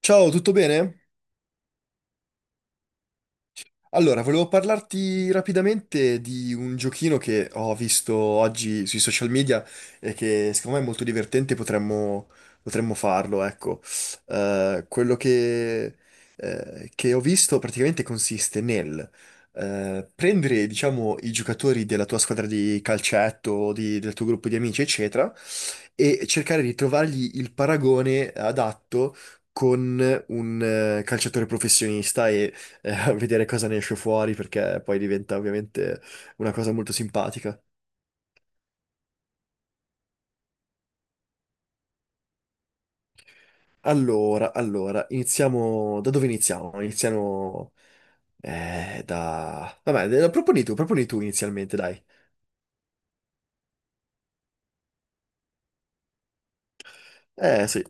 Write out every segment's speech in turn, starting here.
Ciao, tutto bene? Allora, volevo parlarti rapidamente di un giochino che ho visto oggi sui social media e che secondo me è molto divertente, potremmo farlo, ecco. Quello che ho visto praticamente consiste nel prendere, diciamo, i giocatori della tua squadra di calcetto, o del tuo gruppo di amici, eccetera, e cercare di trovargli il paragone adatto con un calciatore professionista, a vedere cosa ne esce fuori, perché poi diventa ovviamente una cosa molto simpatica. Allora, iniziamo. Da dove iniziamo? Vabbè, proponi tu inizialmente, dai. Eh sì,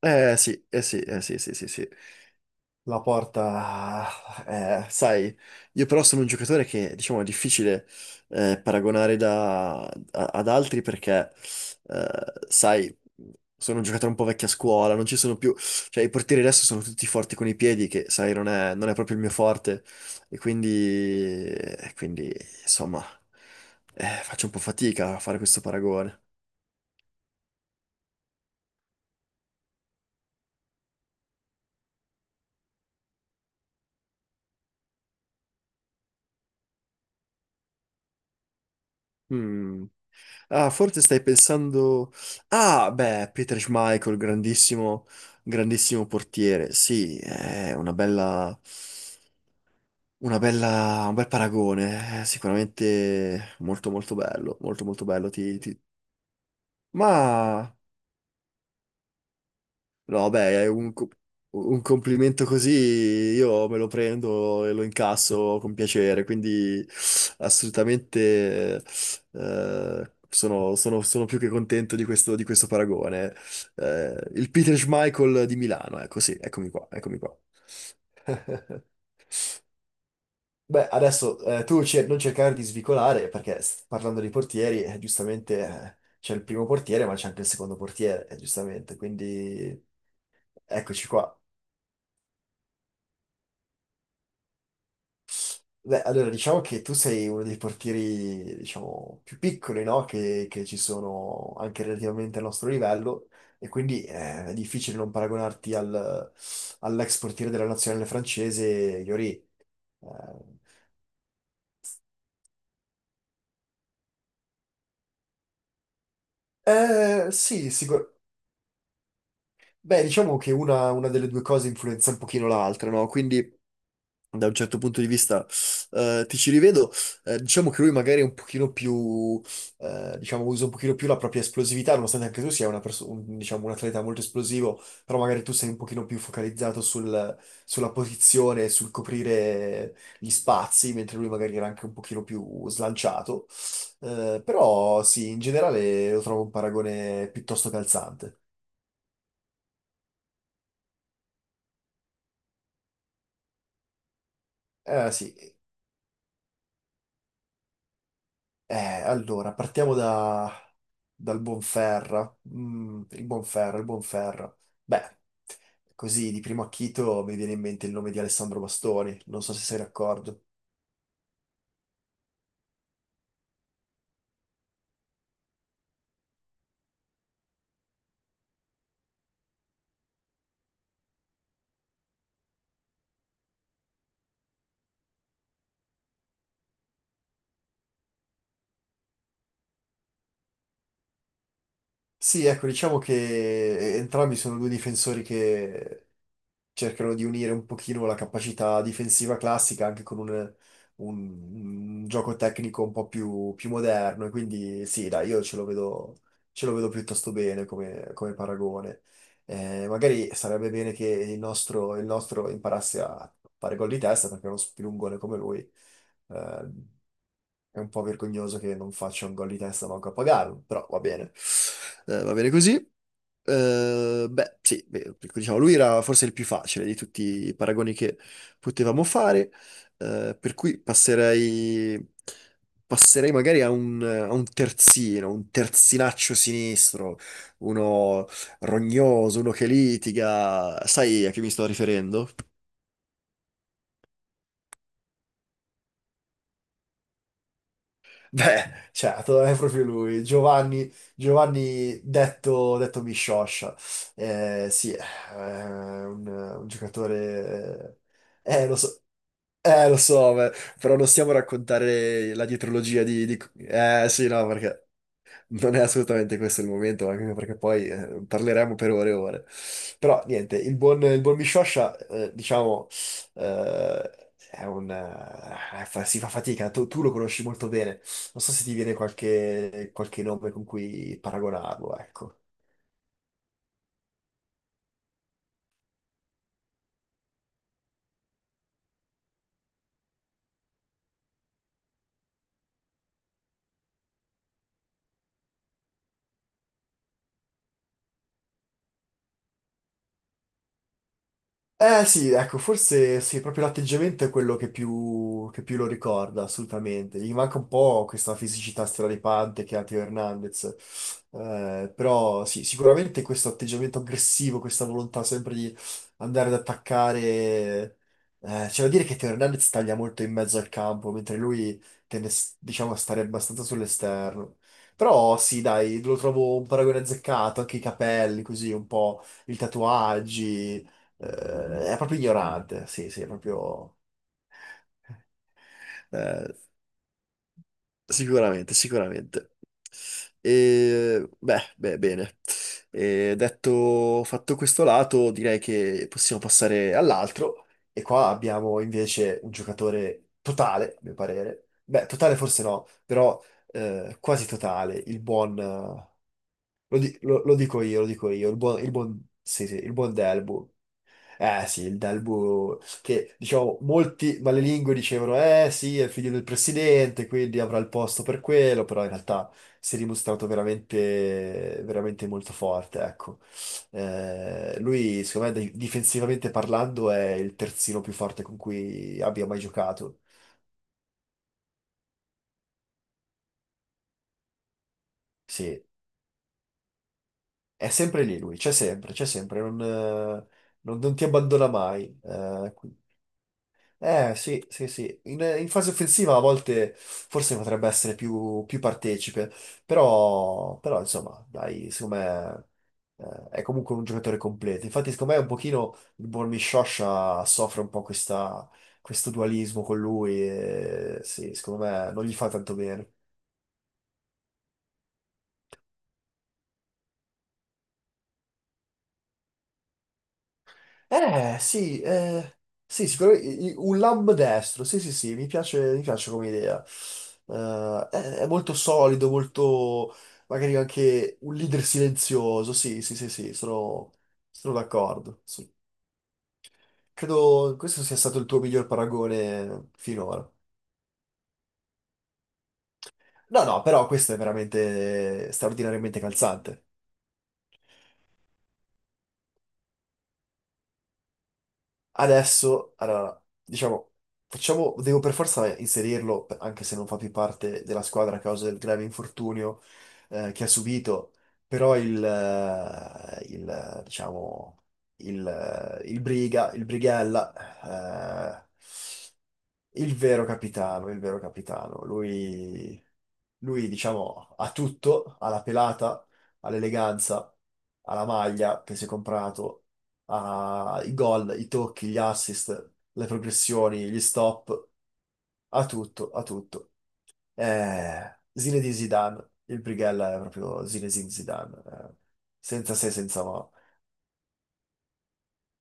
sì, eh sì, sì, sì, sì. La porta, sai, io però sono un giocatore che, diciamo, è difficile paragonare ad altri perché, sai, sono un giocatore un po' vecchia scuola, non ci sono più, cioè i portieri adesso sono tutti forti con i piedi, che, sai, non è proprio il mio forte, e insomma, faccio un po' fatica a fare questo paragone. Mm. Ah, forse stai pensando... Ah, beh, Peter Schmeichel, grandissimo portiere. Sì, è una bella. Una bella. Un bel paragone. È sicuramente molto molto bello, molto molto bello. Ma. No, beh, un complimento così io me lo prendo e lo incasso con piacere, quindi assolutamente sono più che contento di questo paragone. Il Peter Schmeichel di Milano, ecco sì, eccomi qua. Beh, adesso non cercare di svicolare, perché parlando di portieri, giustamente c'è il primo portiere, ma c'è anche il secondo portiere, giustamente, quindi eccoci qua. Beh, allora diciamo che tu sei uno dei portieri, diciamo, più piccoli, no? Che ci sono anche relativamente al nostro livello e quindi è difficile non all'ex portiere della nazionale francese, Lloris. Eh, eh, sì, sicur- Beh, diciamo che una delle due cose influenza un pochino l'altra, no? Quindi da un certo punto di vista ti ci rivedo. Diciamo che lui magari è un pochino più, usa un pochino più la propria esplosività, nonostante anche tu sia diciamo, un atleta molto esplosivo, però magari tu sei un pochino più sulla posizione, sul coprire gli spazi, mentre lui magari era anche un pochino più slanciato. Però sì, in generale lo trovo un paragone piuttosto calzante. Eh sì. Allora, dal Bonferra. Mm, il Bonferra. Beh, così di primo acchito mi viene in mente il nome di Alessandro Bastoni, non so se sei d'accordo. Sì, ecco, diciamo che entrambi sono due difensori che cercano di unire un pochino la capacità difensiva classica anche con un gioco tecnico un po' più moderno. E quindi sì, dai, io ce lo vedo piuttosto bene come, come paragone. Magari sarebbe bene che il nostro imparasse a fare gol di testa, perché uno spilungone come lui eh, è un po' vergognoso che non faccia un gol di testa manco a pagarlo, però va bene. Va bene così. Beh, sì, beh, ecco, diciamo, lui era forse il più facile di tutti i paragoni che potevamo fare, per cui passerei magari a a un terzino, un terzinaccio sinistro, uno rognoso, uno che litiga. Sai a chi mi sto riferendo? Beh, certo, è proprio lui, Giovanni, Giovanni detto Miscioscia. Sì, è un giocatore. Lo so. Lo so, beh, però non stiamo a raccontare la dietrologia sì, no, perché non è assolutamente questo il momento, anche perché poi parleremo per ore e ore. Però, niente, il buon Miscioscia, diciamo, eh, si fa fatica, tu lo conosci molto bene. Non so se ti viene qualche nome con cui paragonarlo, ecco. Eh sì, ecco, forse sì, proprio l'atteggiamento è quello che più lo ricorda, assolutamente. Gli manca un po' questa fisicità straripante che ha Teo Hernandez. Però sì, sicuramente questo atteggiamento aggressivo, questa volontà sempre di andare ad attaccare. C'è da dire che Teo Hernandez taglia molto in mezzo al campo, mentre lui tende, diciamo, a stare abbastanza sull'esterno. Però sì, dai, lo trovo un paragone azzeccato, anche i capelli, così, un po' i tatuaggi. È proprio ignorante, sì, sì, è proprio. Eh, sicuramente, sicuramente. E, beh, beh, bene. E detto, fatto questo lato, direi che possiamo passare all'altro. E qua abbiamo invece un giocatore totale, a mio parere. Beh, totale forse no, però quasi totale. Il buon... lo, di- lo- Lo dico io, lo dico io. Il buon, sì, sì, il buon Delbu. Eh sì, il Delbu, che diciamo, molti malelingue dicevano, eh sì, è il figlio del presidente, quindi avrà il posto per quello, però in realtà si è dimostrato veramente, veramente molto forte, ecco. Lui, secondo me, difensivamente parlando, è il terzino più forte con cui abbia mai giocato. Sì, è sempre lì lui, c'è sempre, non, non ti abbandona mai. Eh sì, sì, sì. In fase offensiva a volte forse potrebbe essere più partecipe, però, però, insomma, dai, secondo me è comunque un giocatore completo. Infatti, secondo me un pochino il Bormi Scioscia soffre un po' questo dualismo con lui e sì, secondo me non gli fa tanto bene. Eh, sì, eh, sì, sicuramente un lamb destro, sì, sì, sì, mi piace come idea. È molto solido, molto, magari anche un leader silenzioso, sì, sì, sì, sì, sono d'accordo. Sì. Credo questo sia stato il tuo miglior paragone finora. No, no, però questo è veramente straordinariamente calzante. Adesso, allora, diciamo, facciamo, devo per forza inserirlo, anche se non fa più parte della squadra a causa del grave infortunio che ha subito, però il, diciamo, il Briga, il Brighella, il vero capitano. Lui, diciamo, ha tutto, ha la pelata, ha l'eleganza, ha la maglia che si è comprato, ha i gol, i tocchi, gli assist, le progressioni, gli stop, ha tutto, ha tutto. Zinedine Zidane, il Brighella è proprio Zinedine Zidane, senza se, senza ma.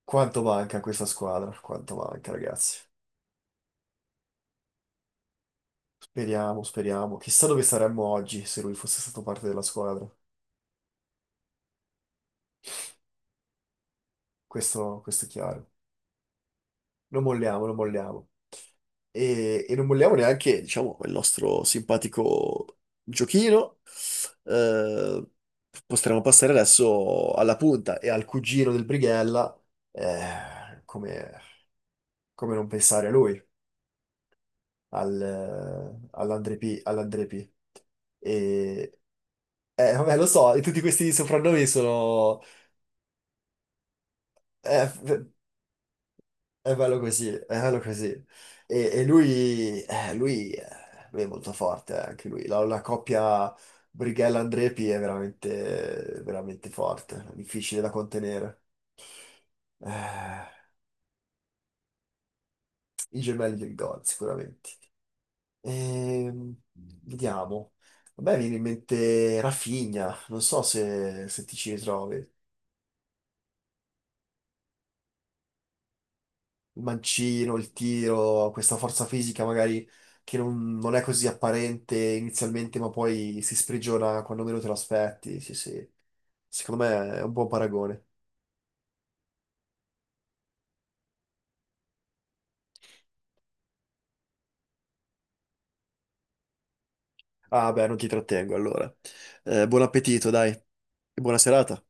Quanto manca a questa squadra, quanto manca, ragazzi. Speriamo, speriamo. Chissà dove saremmo oggi se lui fosse stato parte della squadra. Questo è chiaro. Non molliamo, non molliamo. E non molliamo neanche, diciamo, il nostro simpatico giochino. Eh, potremmo passare adesso alla punta e al cugino del Brighella. Come come non pensare a lui, all'Andre P. E, vabbè, lo so, tutti questi soprannomi sono. eh, È bello così, è bello così. Lui è molto forte, anche lui. La coppia Brighella-Andrepi è veramente, veramente forte, difficile da contenere. Eh, I gemelli del gol, sicuramente. Ehm, vediamo. A me viene in mente Rafinha, non so se ti ci ritrovi. Il mancino, il tiro, questa forza fisica magari che non, non è così apparente inizialmente, ma poi si sprigiona quando meno te lo aspetti. Sì, sì. Secondo me è un buon paragone. Ah, beh, non ti trattengo allora. Buon appetito, dai, e buona serata.